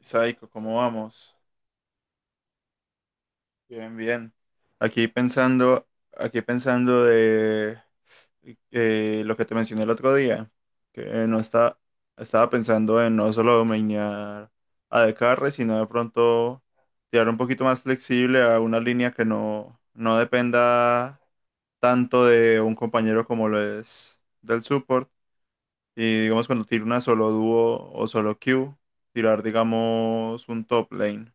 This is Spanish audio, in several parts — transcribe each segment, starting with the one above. Saiko, ¿cómo vamos? Bien, bien. Aquí pensando, aquí pensando de lo que te mencioné el otro día, que no está, estaba pensando en no solo dominar a Descartes, sino de pronto tirar un poquito más flexible a una línea que no dependa tanto de un compañero como lo es del support. Y digamos cuando tiro una solo dúo o solo Q, tirar digamos un top lane.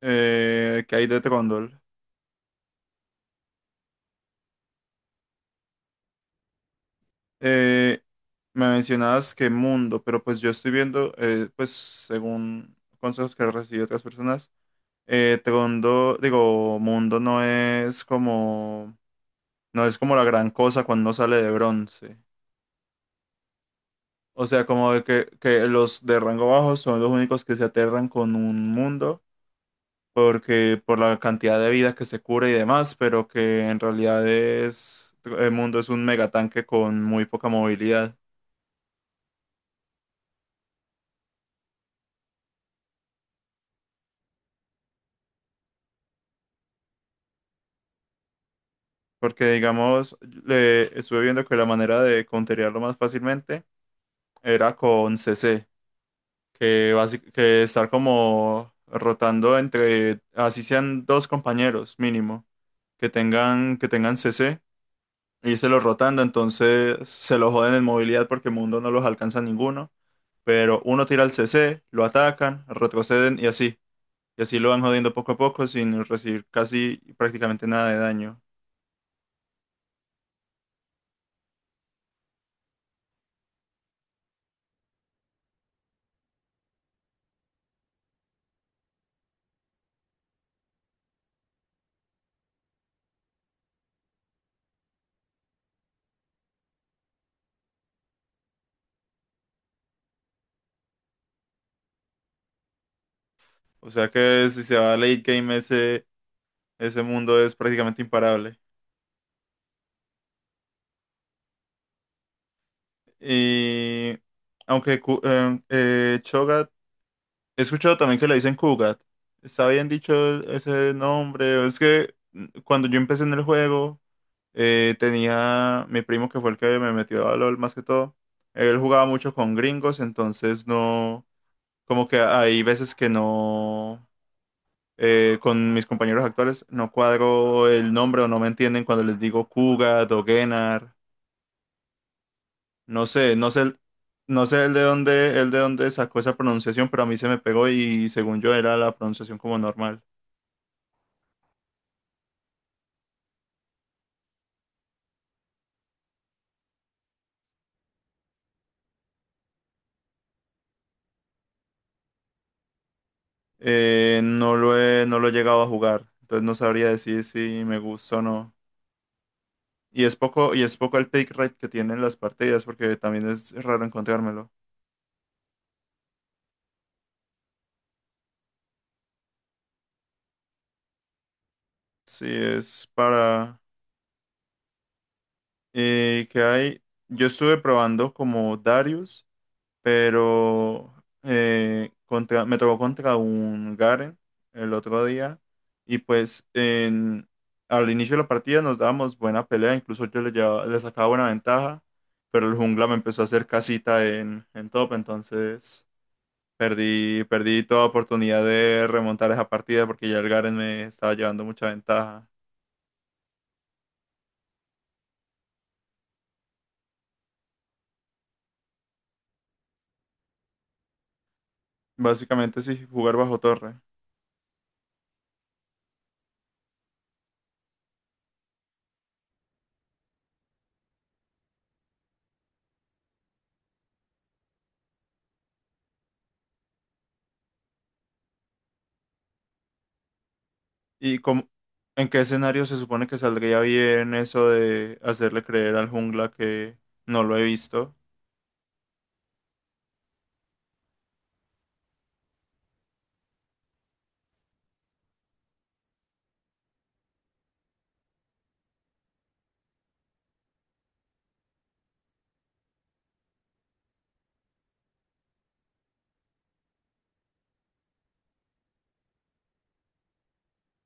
¿Que hay de Trondol? Eh, Me mencionabas que mundo, pero pues yo estoy viendo, pues según consejos que recibí de otras personas, mundo no es como, no es como la gran cosa cuando uno sale de bronce. O sea, como de que los de rango bajo son los únicos que se aterran con un mundo, porque por la cantidad de vida que se cura y demás, pero que en realidad es, el mundo es un megatanque con muy poca movilidad. Porque, digamos, le estuve viendo que la manera de counterearlo más fácilmente era con CC, que estar como rotando entre, así sean dos compañeros mínimo, que tengan CC, y se los rotando, entonces se lo joden en movilidad porque Mundo no los alcanza ninguno, pero uno tira el CC, lo atacan, retroceden y así lo van jodiendo poco a poco sin recibir casi prácticamente nada de daño. O sea que si se va a late game ese, ese mundo es prácticamente imparable. Y aunque Cho'Gath, he escuchado también que le dicen Kugat. ¿Está bien dicho ese nombre? Es que mm, cuando yo empecé en el juego, tenía mi primo que fue el que me metió a LOL más que todo. Él jugaba mucho con gringos, entonces no, como que hay veces que no, con mis compañeros actuales no cuadro el nombre o no me entienden cuando les digo Kugat o Gennar. No sé, no sé, no sé el de dónde sacó esa pronunciación, pero a mí se me pegó y según yo era la pronunciación como normal. No lo he llegado a jugar, entonces no sabría decir si me gusta o no. Y es poco el pick rate que tienen las partidas, porque también es raro encontrármelo. Sí, es para... ¿Que hay? Yo estuve probando como Darius, pero contra, me tocó contra un Garen el otro día y pues en- al inicio de la partida nos dábamos buena pelea, incluso yo le sacaba buena ventaja, pero el jungla me empezó a hacer casita en top, entonces perdí toda oportunidad de remontar esa partida porque ya el Garen me estaba llevando mucha ventaja. Básicamente sí, jugar bajo torre. ¿Y cómo- ¿En qué escenario se supone que saldría bien eso de hacerle creer al jungla que no lo he visto?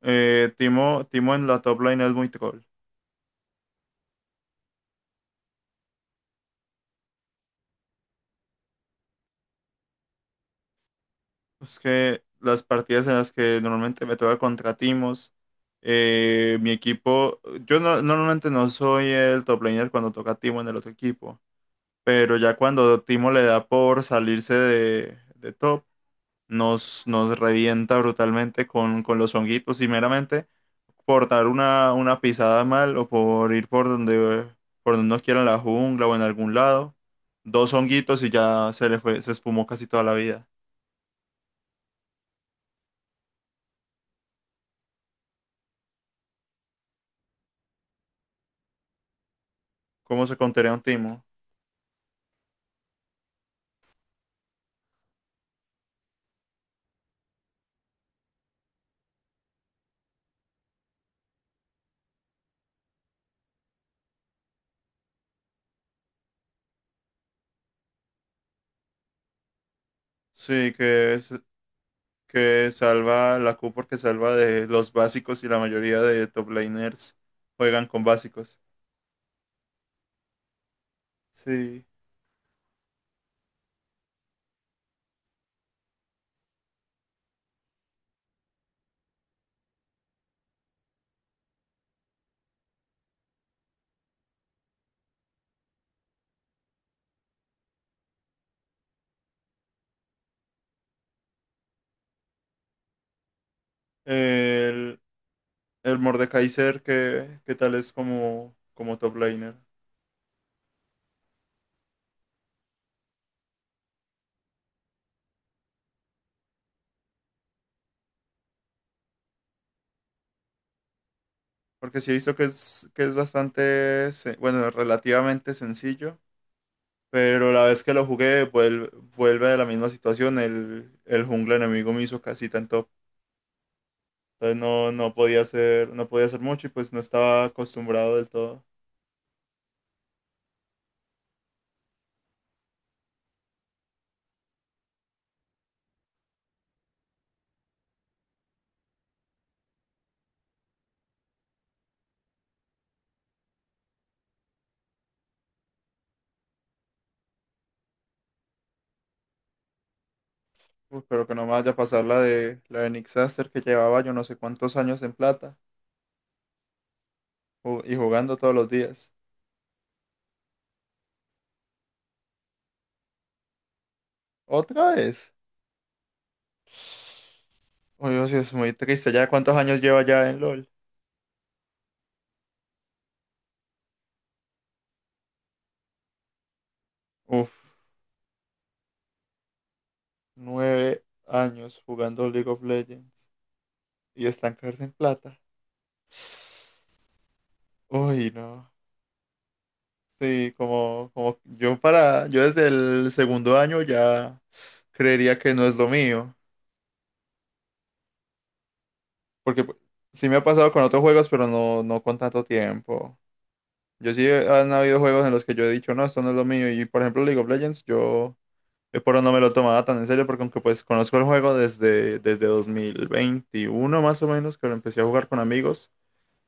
Timo en la top lane es muy troll. Es que las partidas en las que normalmente me toca contra Timos, mi equipo, yo no- normalmente no soy el top laner cuando toca Timo en el otro equipo, pero ya cuando Timo le da por salirse de top, nos revienta brutalmente con los honguitos y meramente. Por dar una pisada mal o por ir por donde nos quieran la jungla o en algún lado. Dos honguitos y ya se le fue, se esfumó casi toda la vida. ¿Cómo se contaría un timo? Sí, que, es- que salva la Q porque salva de los básicos y la mayoría de top laners juegan con básicos. Sí. El, el Mordekaiser, ¿qué qué tal es como, como top laner? Porque sí he visto que es, bueno, relativamente sencillo. Pero la vez que lo jugué, vuelve a la misma situación. El jungla enemigo me hizo casi tanto. Entonces no, no podía hacer mucho y pues no estaba acostumbrado del todo. Uf, pero que no me vaya a pasar la de Nick Saster, que llevaba yo no sé cuántos años en plata y jugando todos los días. ¿Otra vez? Oye, sí, es muy triste. ¿Ya cuántos años lleva ya en LOL? Uf, nueve años jugando League of Legends y estancarse en plata. Uy, no. Sí, como, como yo para, yo desde el segundo año ya creería que no es lo mío, porque pu- sí me ha pasado con otros juegos, pero no, no con tanto tiempo. Han habido juegos en los que yo he dicho, no, esto no es lo mío, y por ejemplo League of Legends, yo por ahora no me lo tomaba tan en serio, porque aunque pues conozco el juego desde, desde 2021 más o menos, que lo empecé a jugar con amigos,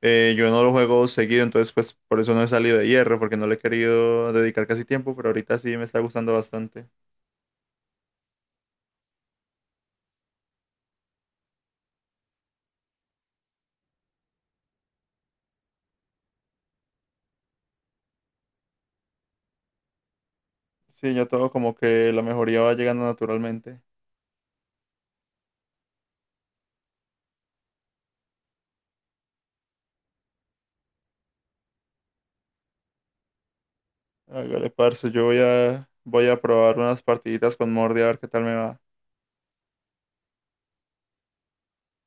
yo no lo juego seguido, entonces pues por eso no he salido de hierro, porque no le he querido dedicar casi tiempo, pero ahorita sí me está gustando bastante. Sí, ya todo como que la mejoría va llegando naturalmente. Hágale, parce, voy a probar unas partiditas con Mordi a ver qué tal me va.